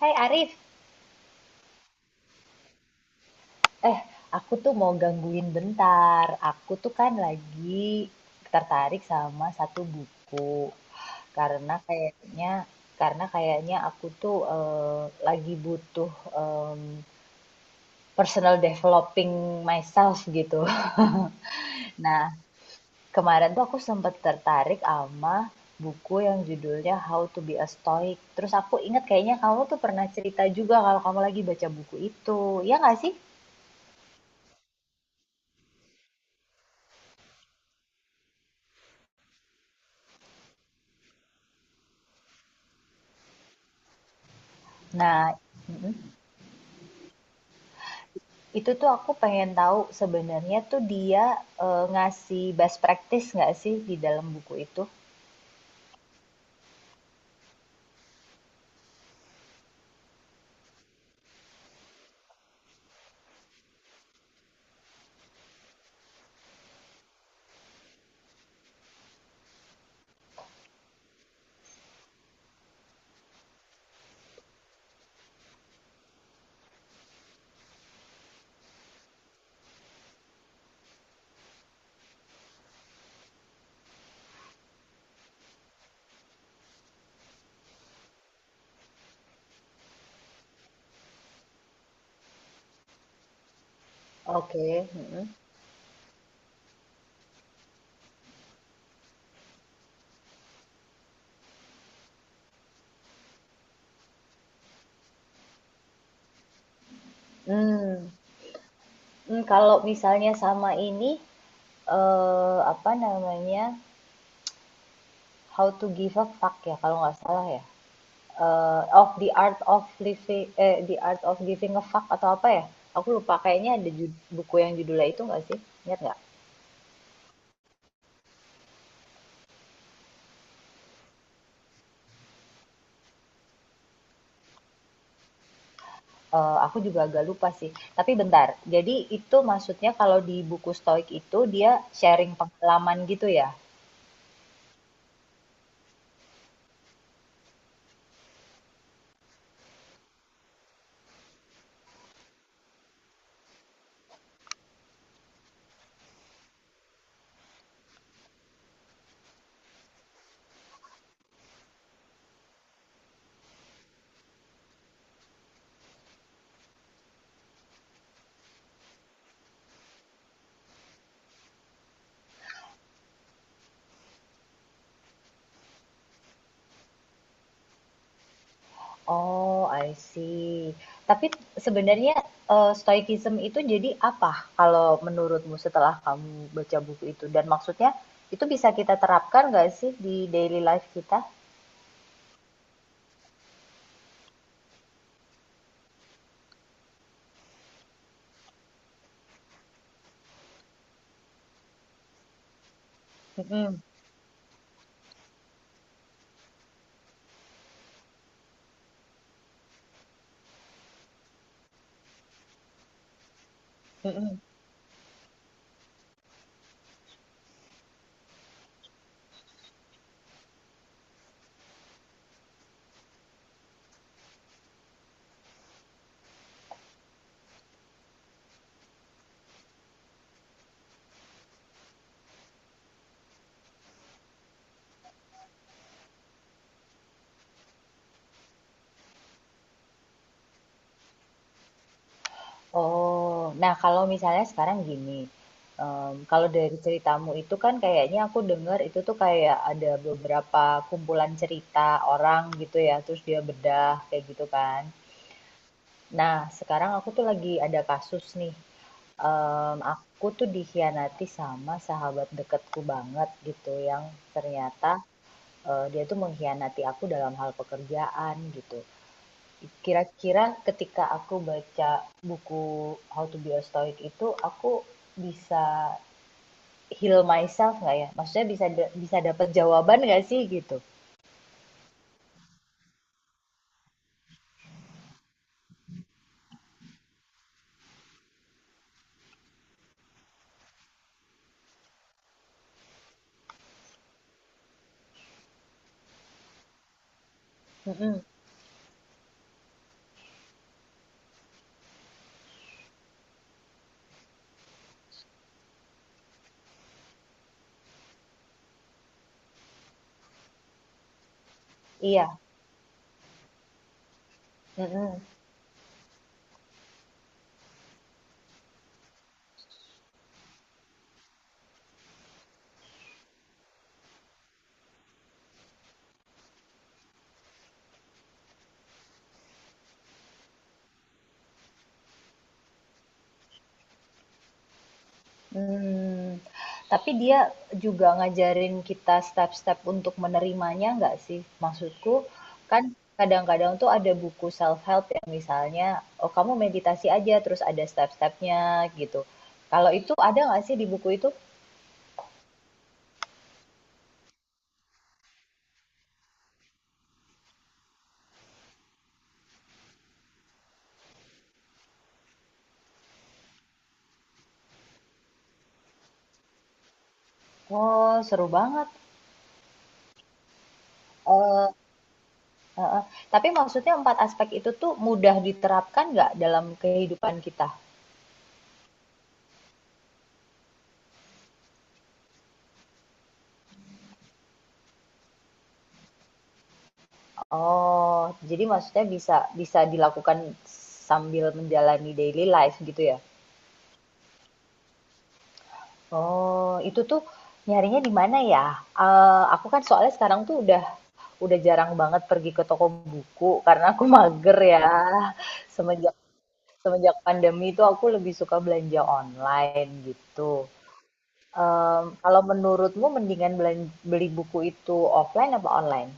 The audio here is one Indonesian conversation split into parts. Hai Arif, eh, aku tuh mau gangguin bentar. Aku tuh kan lagi tertarik sama satu buku karena kayaknya karena kayaknya aku tuh eh, lagi butuh em, personal developing myself gitu. Nah, kemarin tuh aku sempat tertarik sama buku yang judulnya How to Be a Stoic. Terus aku ingat kayaknya kamu tuh pernah cerita juga kalau kamu lagi baca buku itu. Ya nggak sih? Nah, mm-mm. Itu tuh aku pengen tahu sebenarnya tuh dia, ngasih best practice nggak sih di dalam buku itu? Oke, mhm. Mmm, Kalau misalnya sama ini, apa namanya, How to Give a Fuck ya kalau nggak salah ya? Eee, Of the Art of Living eh, The Art of Giving a Fuck atau apa ya? Aku lupa kayaknya ada buku yang judulnya itu nggak sih? Ingat nggak? Aku juga agak lupa sih. Tapi bentar, jadi itu maksudnya kalau di buku Stoik itu dia sharing pengalaman gitu ya? Oh, I see. Tapi sebenarnya, stoicism itu jadi apa kalau menurutmu setelah kamu baca buku itu? Dan maksudnya itu bisa kita terapkan nggak sih di daily life kita? Mhm, mhm. Oh, nah kalau misalnya sekarang gini, kalau dari ceritamu itu kan kayaknya aku dengar itu tuh kayak ada beberapa kumpulan cerita orang gitu ya, terus dia bedah kayak gitu kan. Nah, sekarang aku tuh lagi ada kasus nih, aku tuh dikhianati sama sahabat deketku banget gitu, yang ternyata eh, dia tuh mengkhianati aku dalam hal pekerjaan gitu. Kira-kira ketika aku baca buku How to Be a Stoic itu, aku bisa heal myself nggak ya? Maksudnya bisa dapat jawaban nggak sih gitu? Mm-mm. Iya. Mm-mm. Hmm. Tapi dia juga ngajarin kita step-step untuk menerimanya nggak sih? Maksudku kan kadang-kadang tuh ada buku self-help yang misalnya, oh kamu meditasi aja terus ada step-stepnya gitu. Kalau itu ada nggak sih di buku itu? Oh, seru banget. Eh, heeh. Tapi maksudnya 4 aspek itu tuh mudah diterapkan nggak dalam kehidupan kita? Oh, jadi maksudnya bisa bisa dilakukan sambil menjalani daily life gitu ya? Oh, itu tuh nyarinya di mana ya? Eh, aku kan soalnya sekarang tuh udah jarang banget pergi ke toko buku karena aku mager ya. Semenjak semenjak pandemi itu aku lebih suka belanja online gitu. Kalau menurutmu mendingan beli buku itu offline apa online?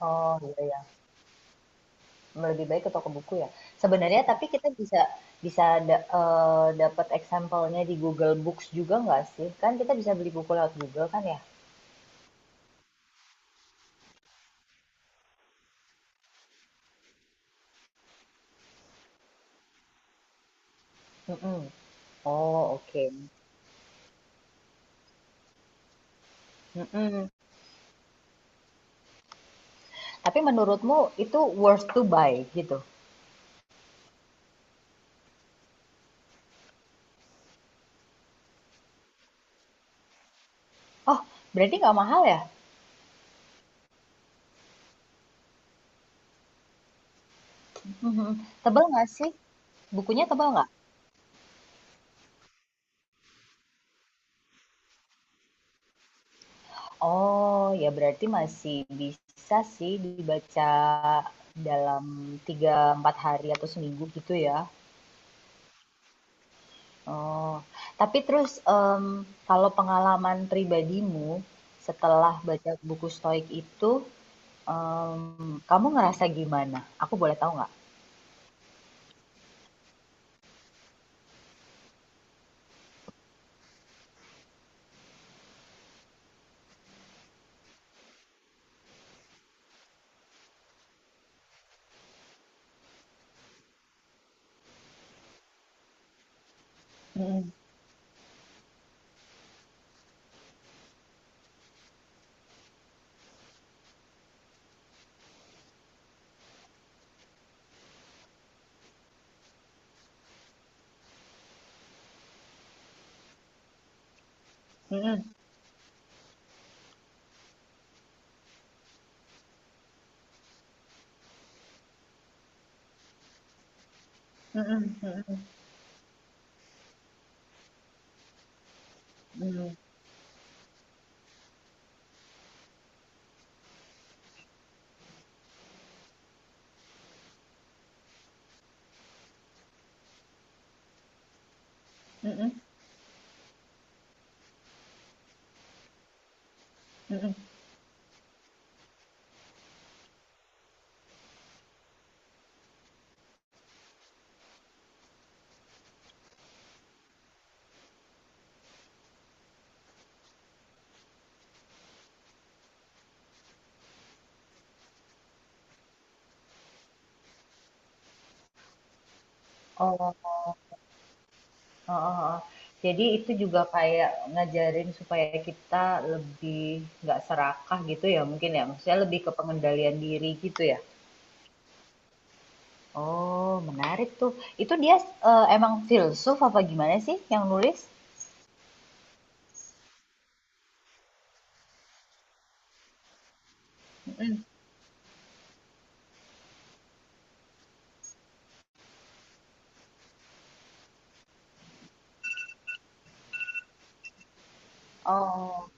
Oh, iya, ya. Lebih baik ke toko buku ya? Sebenarnya tapi kita bisa bisa da dapat example-nya di Google Books juga nggak sih? Kan kita bisa beli buku lewat Google kan ya? Mhm. Oh, oke. Mhm. Tapi menurutmu itu worth to buy gitu? Oh, berarti nggak mahal ya? Mhm mhm. Tebal nggak sih? Bukunya tebal nggak? Oh, ya berarti masih bisa sih dibaca dalam 3-4 hari atau seminggu gitu ya. Oh, tapi terus kalau pengalaman pribadimu setelah baca buku Stoik itu, kamu ngerasa gimana? Aku boleh tahu nggak? Mm-mm, mm-mm, mm-mm, mm-mm, mm-mm, mm-mm, mm-mm. Oh, oh heeh. Jadi itu juga kayak ngajarin supaya kita lebih nggak serakah gitu ya mungkin ya. Maksudnya lebih ke pengendalian diri gitu ya. Oh, menarik tuh. Itu dia eh, emang filsuf apa gimana sih yang nulis? Mm. Oh,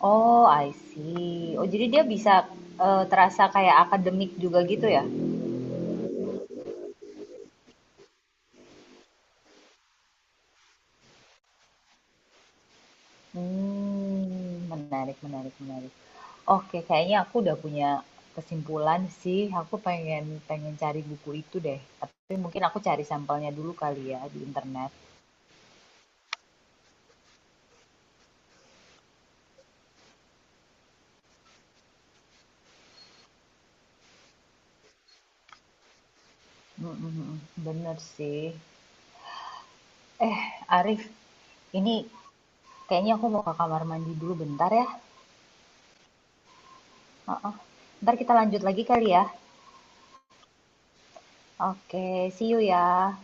oh I see. Oh, jadi dia bisa eh, terasa kayak akademik juga gitu ya? Menarik menarik menarik. Oke, kayaknya aku udah punya kesimpulan sih, aku pengen pengen cari buku itu deh, tapi mungkin aku cari sampelnya dulu kali ya di internet. Mhm mhm, bener sih. Eh, Arif, ini kayaknya aku mau ke kamar mandi dulu bentar ya, heeh. Entar kita lanjut lagi kali ya? Oke, see you ya.